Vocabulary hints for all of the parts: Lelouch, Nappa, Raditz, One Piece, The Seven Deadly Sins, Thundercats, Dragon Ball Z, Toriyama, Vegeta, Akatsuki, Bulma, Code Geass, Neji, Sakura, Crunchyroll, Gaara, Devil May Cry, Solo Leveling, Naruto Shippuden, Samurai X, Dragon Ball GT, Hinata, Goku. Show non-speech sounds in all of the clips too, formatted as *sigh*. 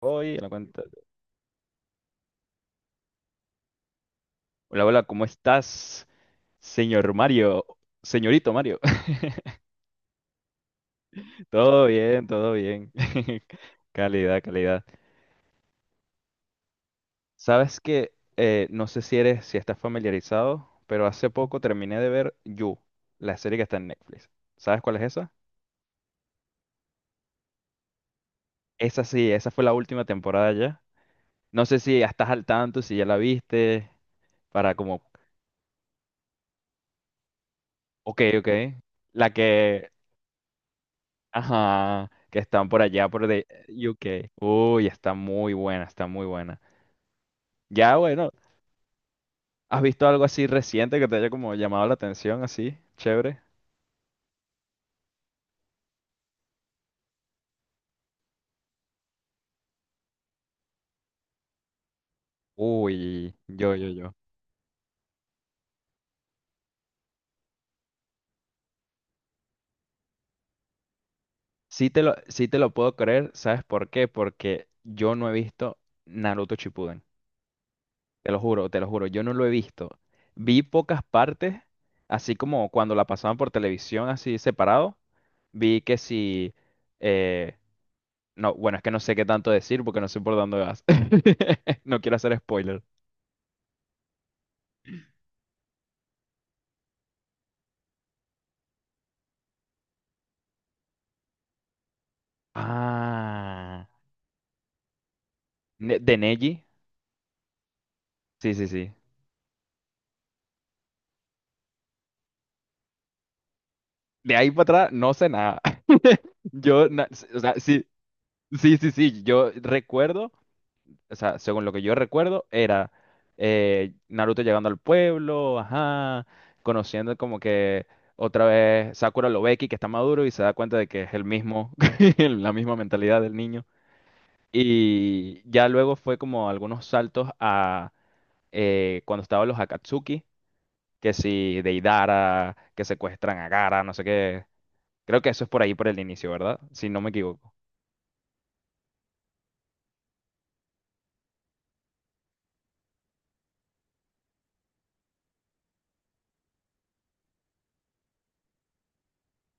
Hoy en la cuenta. Hola, hola, ¿cómo estás, señor Mario? Señorito Mario. *laughs* Todo bien, todo bien. *laughs* Calidad, calidad. Sabes que no sé si estás familiarizado, pero hace poco terminé de ver You, la serie que está en Netflix. ¿Sabes cuál es esa? Esa sí, esa fue la última temporada ya. No sé si ya estás al tanto, si ya la viste. Para como, ok, ok. La que, Ajá, que están por allá, por de UK. Uy, está muy buena, está muy buena. Ya, bueno, ¿has visto algo así reciente que te haya como llamado la atención, así? Chévere. Uy, yo. Sí te lo puedo creer, ¿sabes por qué? Porque yo no he visto Naruto Shippuden. Te lo juro, yo no lo he visto. Vi pocas partes, así como cuando la pasaban por televisión, así separado. Vi que si... eh, No, bueno, es que no sé qué tanto decir porque no sé por dónde vas. *laughs* No quiero hacer spoiler. Ah, de Neji. Sí, sí, sí. De ahí para atrás no sé nada. *laughs* Yo, o sea, sí, sí, sí, sí. Yo recuerdo, o sea, según lo que yo recuerdo, era Naruto llegando al pueblo, ajá, conociendo como que otra vez Sakura lo ve aquí, que está maduro y se da cuenta de que es el mismo, *laughs* la misma mentalidad del niño. Y ya luego fue como algunos saltos a cuando estaban los Akatsuki, que si Deidara, que secuestran a Gaara, no sé qué. Creo que eso es por ahí, por el inicio, ¿verdad? Si no me equivoco.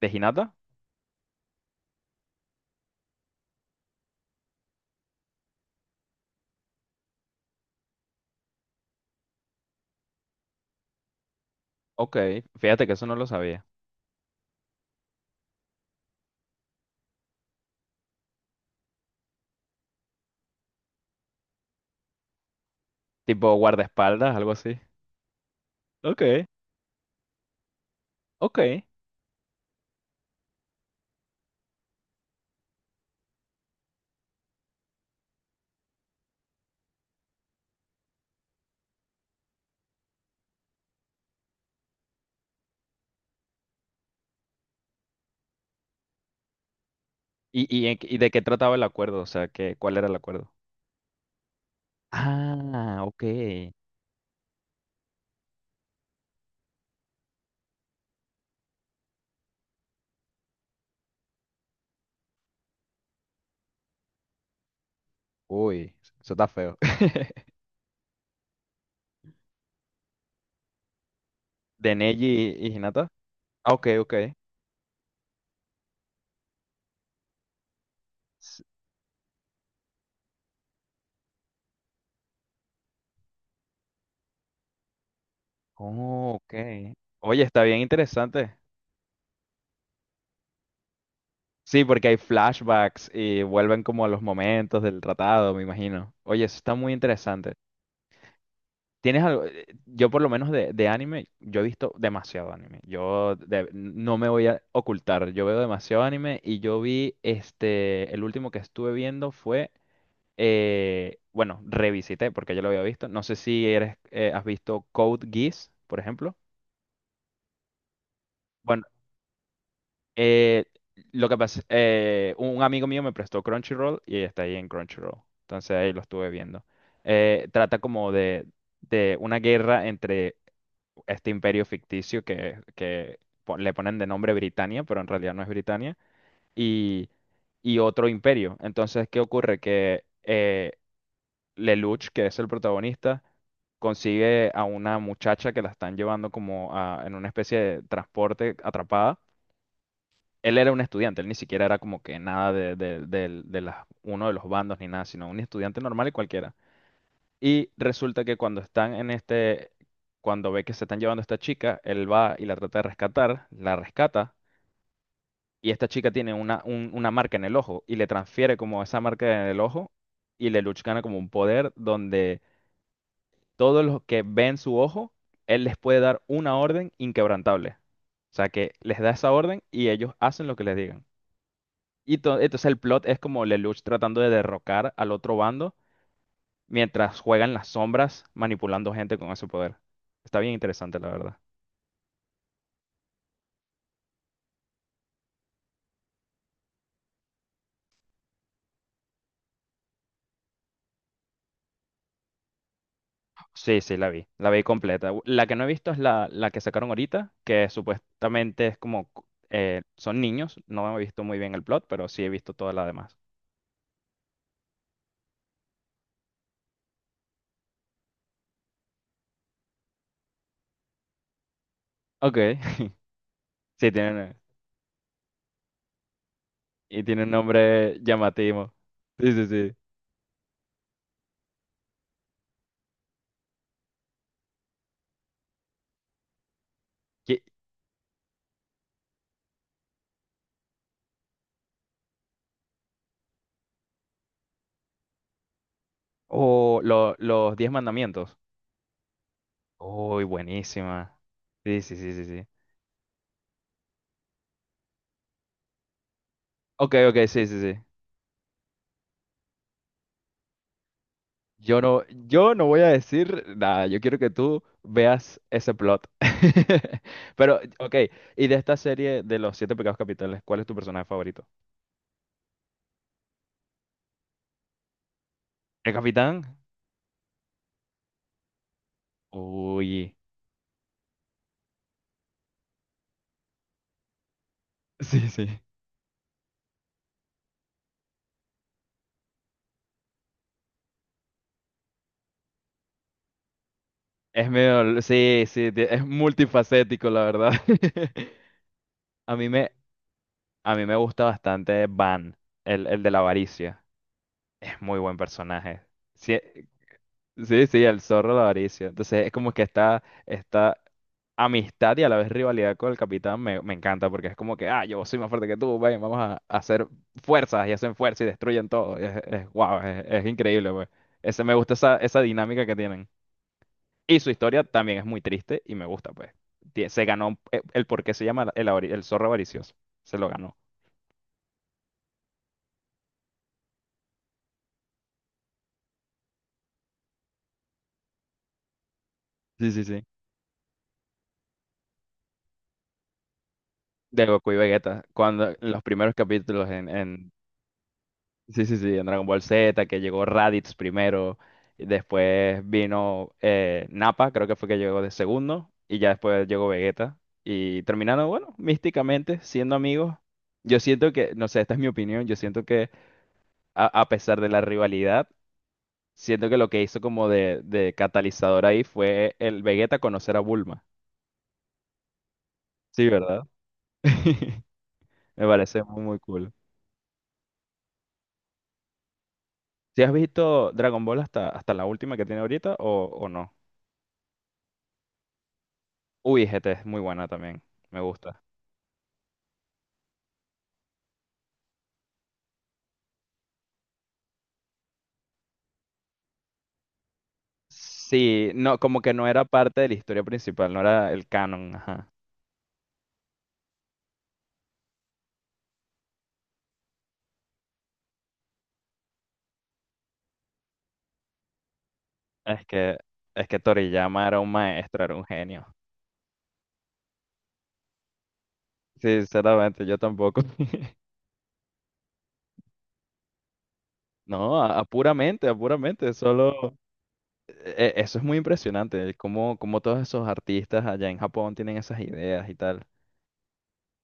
¿De Hinata? Ok, fíjate que eso no lo sabía. Tipo guardaespaldas, algo así. Ok, ok. ¿Y de qué trataba el acuerdo? O sea, que, ¿cuál era el acuerdo? Ah, ok. Uy, eso está feo. *laughs* ¿De Neji y Hinata? Ah, ok, ok. Oh, ok. Oye, está bien interesante. Sí, porque hay flashbacks y vuelven como a los momentos del tratado, me imagino. Oye, eso está muy interesante. ¿Tienes algo? Yo por lo menos de anime, yo he visto demasiado anime. Yo no me voy a ocultar, yo veo demasiado anime y yo vi, este, el último que estuve viendo fue, bueno, revisité porque yo lo había visto. No sé si has visto Code Geass, por ejemplo. Eh, lo que pasa, un amigo mío me prestó Crunchyroll y está ahí en Crunchyroll. Entonces ahí lo estuve viendo. Trata como de una guerra entre este imperio ficticio que le ponen de nombre Britania, pero en realidad no es Britania, y, y otro imperio. Entonces, ¿qué ocurre? Que Lelouch, que es el protagonista, consigue a una muchacha que la están llevando como en una especie de transporte atrapada. Él era un estudiante, él ni siquiera era como que nada de uno de los bandos ni nada, sino un estudiante normal y cualquiera. Y resulta que cuando están cuando ve que se están llevando a esta chica, él va y la trata de rescatar, la rescata, y esta chica tiene una, una marca en el ojo y le transfiere como esa marca en el ojo, y Lelouch gana como un poder donde todos los que ven su ojo, él les puede dar una orden inquebrantable. O sea que les da esa orden y ellos hacen lo que les digan. Y entonces el plot es como Lelouch tratando de derrocar al otro bando mientras juega en las sombras manipulando gente con ese poder. Está bien interesante, la verdad. Sí, sí, la vi. La vi completa. La que no he visto es la que sacaron ahorita, que supuestamente es como... cu- son niños. No he visto muy bien el plot, pero sí he visto toda la demás. Ok. *laughs* Sí, y tiene un nombre llamativo. Sí, sí, sí. ¿Qué- los Diez Mandamientos. Uy, buenísima. Sí, sí, sí, sí, sí. Ok, ok, sí, sí, sí. Yo no, yo no voy a decir nada. Yo quiero que tú veas ese plot. *laughs* Pero, ok, y de esta serie de los siete pecados capitales, ¿cuál es tu personaje favorito? ¿El capitán? Uy. *laughs* Sí, sí. Es medio, sí, sí, es multifacético, la verdad. *laughs* A mí me, a mí me gusta bastante Van, el de la avaricia. Es muy buen personaje. Sí, sí, sí, el zorro de la avaricia. Entonces es como que está amistad y a la vez rivalidad con el capitán me encanta porque es como que, ah, yo soy más fuerte que tú, ven, vamos a hacer fuerzas y hacen fuerza y destruyen todo. Es, wow, es increíble, pues. Me gusta esa dinámica que tienen. Y su historia también es muy triste y me gusta, pues. Se ganó por qué se llama el zorro avaricioso. Se lo ganó. Sí, sí, sí. De Goku y Vegeta. Cuando en los primeros capítulos en. Sí, sí, sí, en Dragon Ball Z, que llegó Raditz primero, y después vino Nappa, creo que fue que llegó de segundo, y ya después llegó Vegeta. Y terminaron, bueno, místicamente, siendo amigos. Yo siento que, no sé, esta es mi opinión, yo siento que a pesar de la rivalidad, siento que lo que hizo como de catalizador ahí fue el Vegeta conocer a Bulma. Sí, ¿verdad? *laughs* Me parece muy, muy cool. ¿Si has visto Dragon Ball hasta la última que tiene ahorita o no? Uy, GT es muy buena también, me gusta. Sí, no, como que no era parte de la historia principal, no era el canon, ajá. Es que, es que Toriyama era un maestro, era un genio. Sinceramente, yo tampoco. *laughs* No, a puramente, solo. Eso es muy impresionante, cómo todos esos artistas allá en Japón tienen esas ideas y tal.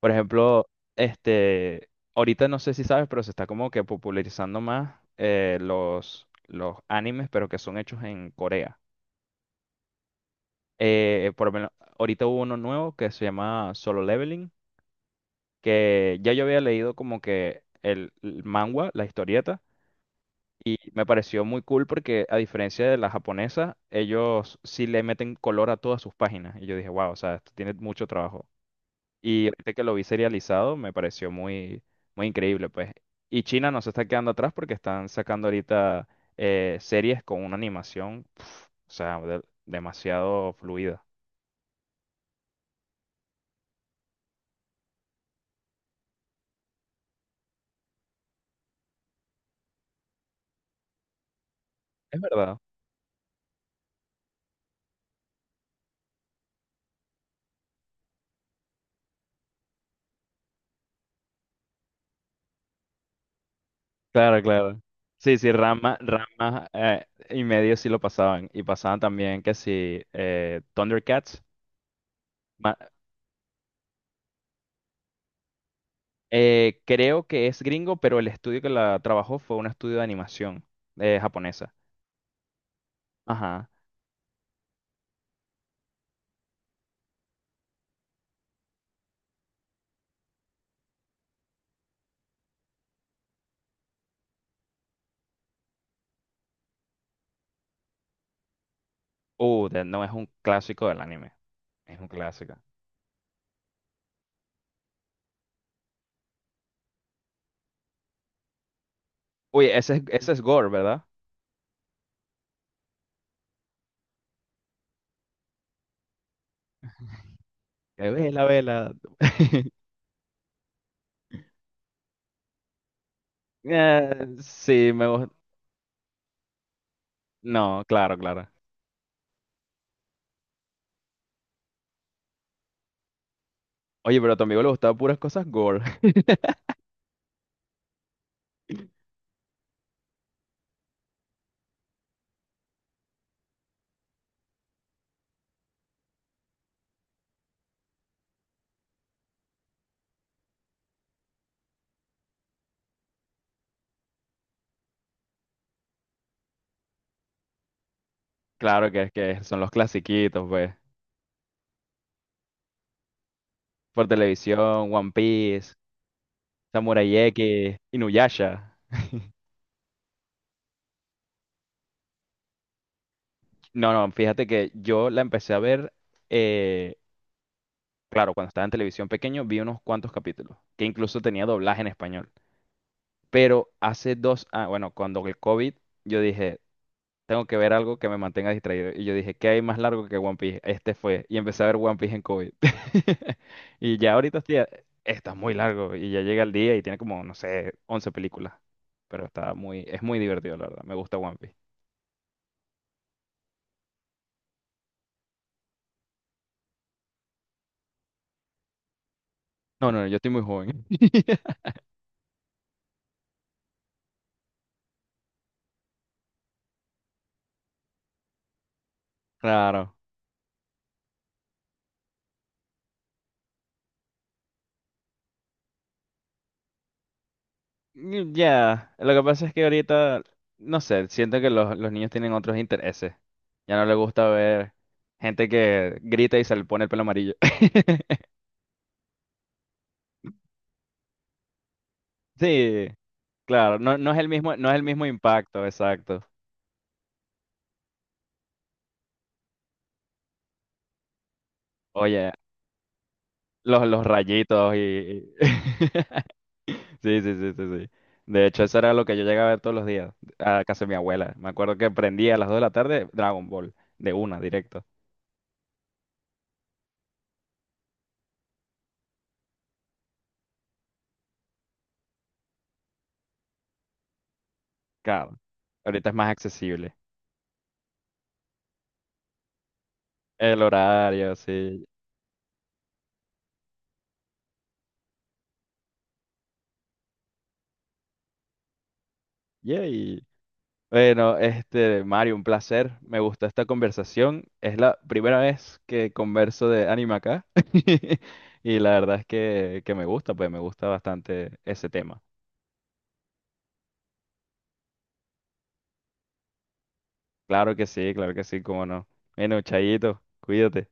Por ejemplo, este, ahorita no sé si sabes, pero se está como que popularizando más los animes, pero que son hechos en Corea. Por lo menos, ahorita hubo uno nuevo que se llama Solo Leveling, que ya yo había leído como que el manga, la historieta, y me pareció muy cool porque a diferencia de la japonesa, ellos sí le meten color a todas sus páginas. Y yo dije, wow, o sea, esto tiene mucho trabajo. Y ahorita que lo vi serializado, me pareció muy, muy increíble, pues. Y China no se está quedando atrás porque están sacando ahorita series con una animación, pf, o sea, demasiado fluida. Es verdad. Claro, claro. Sí, sí, Rama y medio sí lo pasaban. Y pasaban también que sí, Thundercats. Ma- creo que es gringo, pero el estudio que la trabajó fue un estudio de animación japonesa. Ajá. No es un clásico del anime. Es un clásico. Uy, ese es Gore, ¿verdad? Que vela, vela. *laughs* Sí, me gusta. No, claro, claro. Oye, pero a tu amigo le gustaban puras cosas Gore. *laughs* Claro que es que son los clasiquitos, pues. Por televisión, One Piece, Samurai X, Inuyasha. No, no, fíjate que yo la empecé a ver, eh, claro, cuando estaba en televisión pequeño vi unos cuantos capítulos, que incluso tenía doblaje en español. Pero ah, bueno, cuando el COVID, yo dije, tengo que ver algo que me mantenga distraído. Y yo dije, ¿qué hay más largo que One Piece? Este fue. Y empecé a ver One Piece en COVID. *laughs* Y ya ahorita está muy largo y ya llega el día y tiene como, no sé, 11 películas. Pero está muy, es muy divertido, la verdad. Me gusta One Piece. No, no, no, yo estoy muy joven. *laughs* Claro. Mm, ya, lo que pasa es que ahorita, no sé, siento que los niños tienen otros intereses. Ya no les gusta ver gente que grita y se le pone el pelo amarillo. *laughs* Sí, claro, no, no es el mismo, no es el mismo impacto, exacto. Oye, los rayitos. *laughs* Sí, sí, sí, sí, sí. De hecho, eso era lo que yo llegaba a ver todos los días a casa de mi abuela. Me acuerdo que prendía a las 2 de la tarde Dragon Ball, de una, directo. Claro, ahorita es más accesible. El horario, sí. Yay. Bueno, este, Mario, un placer. Me gustó esta conversación. Es la primera vez que converso de anime acá. *laughs* Y la verdad es que me gusta, pues me gusta bastante ese tema. Claro que sí, cómo no. Bueno, Chayito, cuídate.